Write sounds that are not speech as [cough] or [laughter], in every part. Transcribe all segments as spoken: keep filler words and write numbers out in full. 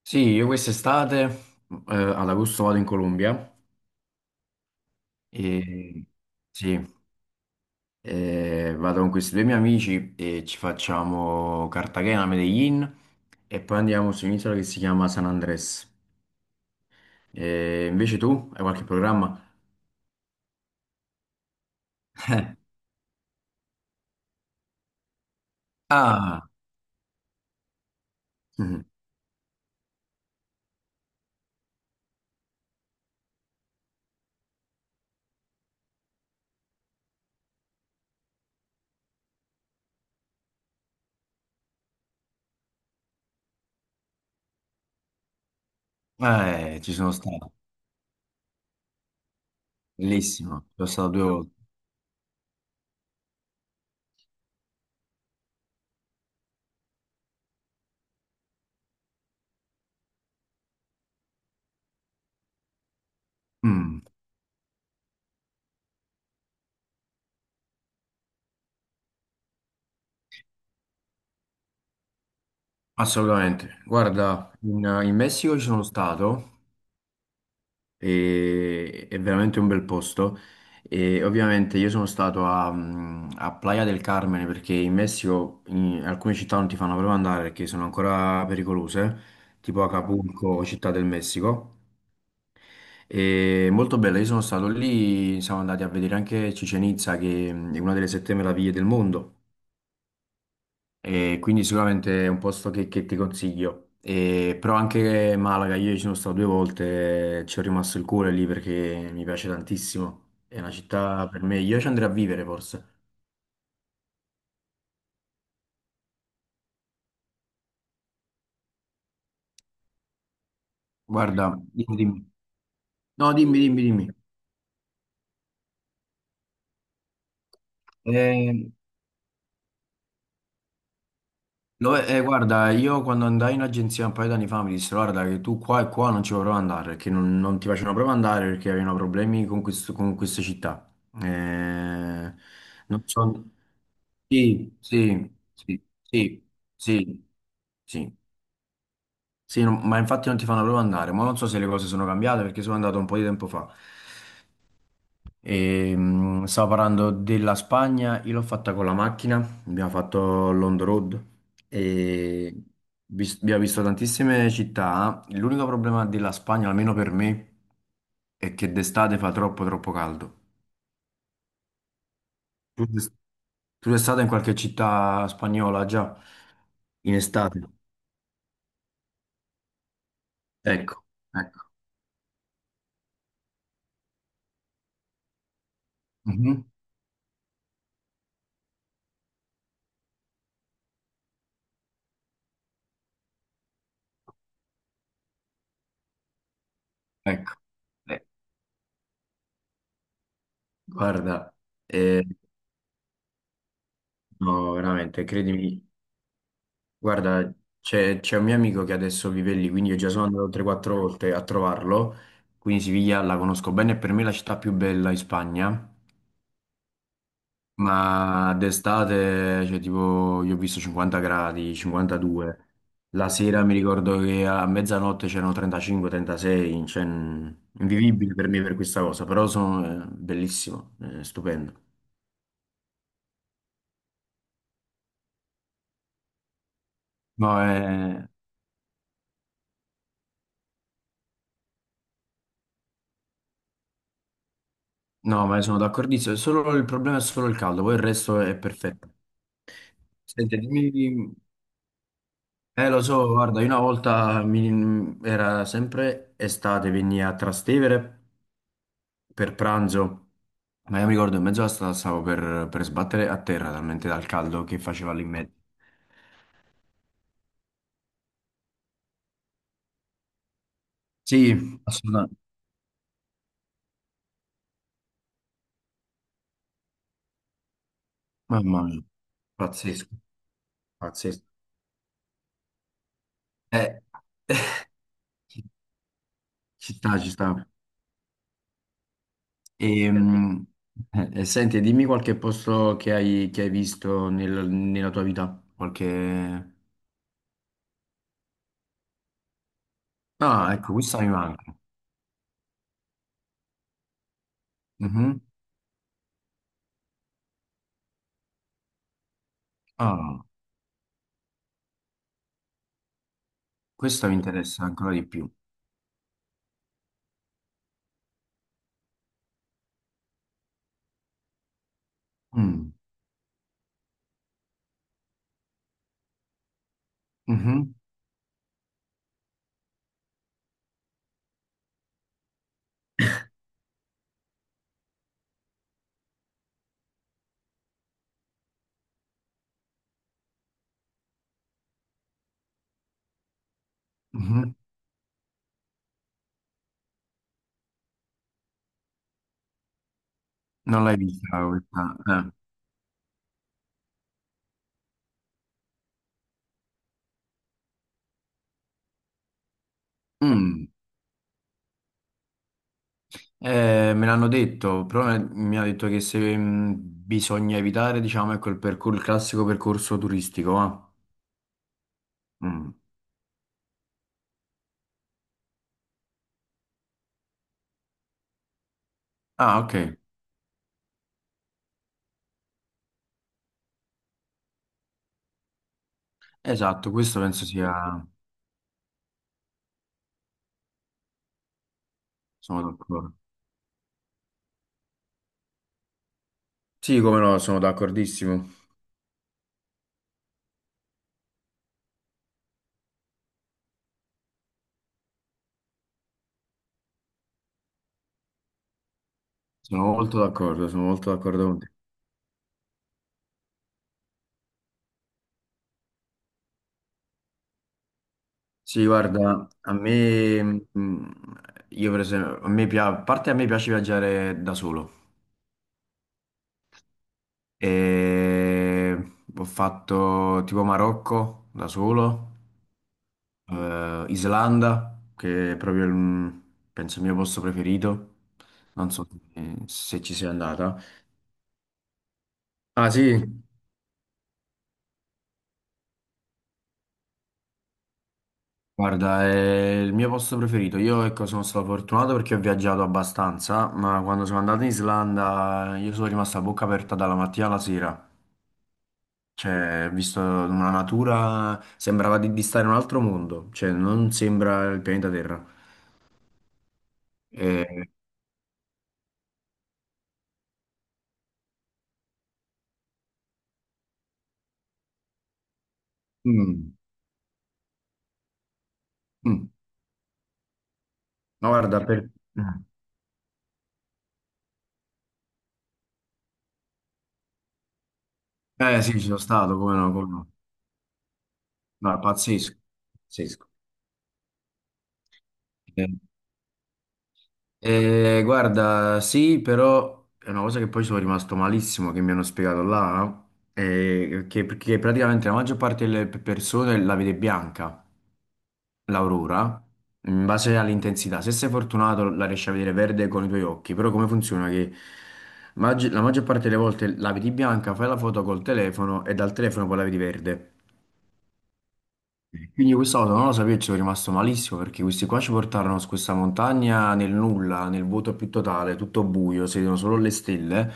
Sì, io quest'estate eh, ad agosto vado in Colombia e sì, eh, vado con questi due miei amici e ci facciamo Cartagena, Medellin e poi andiamo su un'isola che si chiama San Andrés. E invece tu hai qualche programma? Ah, mhm. [laughs] Eh, ci sono stato, bellissimo, sono stato due volte. Mm, assolutamente. Guarda, in, in Messico ci sono stato e- è veramente un bel posto. E ovviamente io sono stato a, mm, a Playa del Carmen perché in Messico in alcune città non ti fanno proprio andare perché sono ancora pericolose, tipo Acapulco, Città del Messico. E molto bella, io sono stato lì, siamo andati a vedere anche Cicenizza che mm, è una delle sette meraviglie del mondo. E quindi sicuramente è un posto che, che ti consiglio. E- però anche Malaga, io ci sono stato due volte, ci ho rimasto il cuore lì perché mi piace tantissimo. È una città per me, io ci andrei a vivere forse. Guarda, dimmi, dimmi. No, dimmi, dimmi, dimmi. Eh, Lo- eh, guarda, io quando andai in agenzia un paio d'anni fa mi dissero, guarda, che tu qua e qua non ci puoi proprio andare, perché non, non ti facevano proprio andare perché avevano problemi con, questo- con queste città. Eh, Non so. Sì, sì, sì, sì, sì, sì, sì, non- ma infatti non ti fanno proprio andare, ma non so se le cose sono cambiate perché sono andato un po' di tempo fa. E, mh, stavo parlando della Spagna, io l'ho fatta con la macchina, abbiamo fatto l'on the road e vis- abbiamo visto tantissime città. L'unico problema della Spagna, almeno per me, è che d'estate fa troppo troppo caldo. Tu d'est- Tu sei stata in qualche città spagnola già in estate? Ecco, ecco, mhm, ecco. Eh, guarda, eh, no, veramente, credimi. Guarda, c'è c'è un mio amico che adesso vive lì, quindi io già sono andato tre quattro volte a trovarlo, quindi Siviglia la conosco bene, per me è la città più bella in Spagna, ma d'estate, cioè tipo, io ho visto cinquanta gradi, cinquantadue, la sera mi ricordo che a mezzanotte c'erano trentacinque, trentasei, cioè mm, invivibile per me per questa cosa, però sono eh, bellissimo, eh, stupendo. No, eh, no, ma sono d'accordissimo, solo il problema è solo il caldo, poi il resto è perfetto. Senti, dimmi- eh, Lo so, guarda, io una volta mi- era sempre estate, venni a Trastevere per pranzo, ma io mi ricordo in mezzo alla strada stavo per, per sbattere a terra talmente dal caldo che faceva lì in mezzo. Sì, assolutamente. Mamma mia, pazzesco, pazzesco. Eh, [laughs] ci sta, ci sta. E, mm, eh, Senti, dimmi qualche posto che hai, che hai visto nel- nella tua vita, qualche... Ah, ecco, questa mi manca. Mhm. Ah, questa mi interessa ancora di più. Mm, mhm, mhm. Non l'hai vista questa? Eh. Mm. Eh, me l'hanno detto, però me- mi ha detto che se mm, bisogna evitare, diciamo, ecco il, percor- il classico percorso turistico, va? Mm. Ah, ok. Esatto, questo penso sia... Sono d'accordo. Sì, come no, sono d'accordissimo. Sono molto d'accordo, sono molto d'accordo con te. Sì, guarda, a me, mm, io per esempio, a me pia- a parte a me piace viaggiare da solo. E ho fatto tipo Marocco da solo, eh, Islanda, che è proprio il, mm, penso il mio posto preferito. Non so eh, se ci sei andata. Ah sì, guarda, è il mio posto preferito. Io ecco, sono stato fortunato perché ho viaggiato abbastanza, ma quando sono andato in Islanda io sono rimasto a bocca aperta dalla mattina alla sera. Cioè, visto una natura, sembrava di, di stare in un altro mondo, cioè non sembra il pianeta Terra. Eh, mm, mm. Ma guarda, per... Mm. Eh sì, ci sono stato, come no, come no. No, è pazzesco, pazzesco. Eh, eh, Guarda, sì, però è una cosa che poi sono rimasto malissimo, che mi hanno spiegato là, no? Eh, che, che praticamente la maggior parte delle persone la vede bianca. L'aurora, in base all'intensità, se sei fortunato la riesci a vedere verde con i tuoi occhi, però come funziona che maggi- la maggior parte delle volte la vedi bianca, fai la foto col telefono e dal telefono poi la vedi verde. Quindi quest'auto non lo sapevo e ci sono rimasto malissimo perché questi qua ci portarono su questa montagna nel nulla, nel vuoto più totale, tutto buio, si vedono solo le stelle.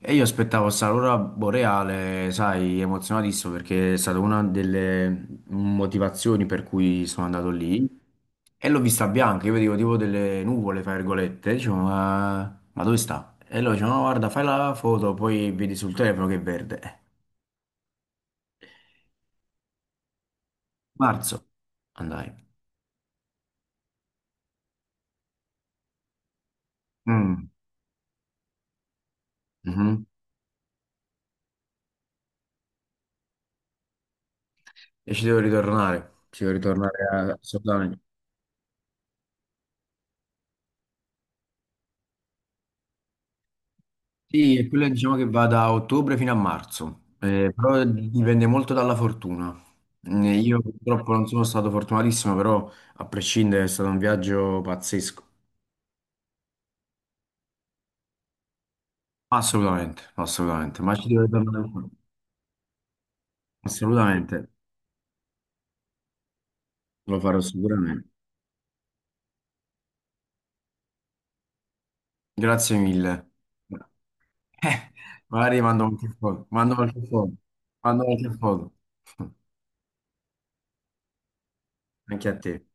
E io aspettavo questa aurora boreale, sai, emozionatissimo perché è stata una delle motivazioni per cui sono andato lì. E l'ho vista bianca, io vedevo tipo delle nuvole, fra virgolette, dicevo, ma, ma dove sta? E loro dicevano, no, guarda, fai la foto, poi vedi sul telefono che è verde. Eh, Marzo, andai. Mm. Mhm. E ci devo ritornare, ci devo ritornare a- assolutamente. Sì, e quello diciamo che va da ottobre fino a marzo, eh, però dipende molto dalla fortuna. Eh, Io purtroppo non sono stato fortunatissimo, però a prescindere è stato un viaggio pazzesco. Assolutamente, assolutamente, ma ci devo ritornare ancora. Assolutamente, lo farò sicuramente. Grazie mille. Eh, magari mando qualche foto, mando qualche foto, mando qualche foto. [laughs] Anche a te.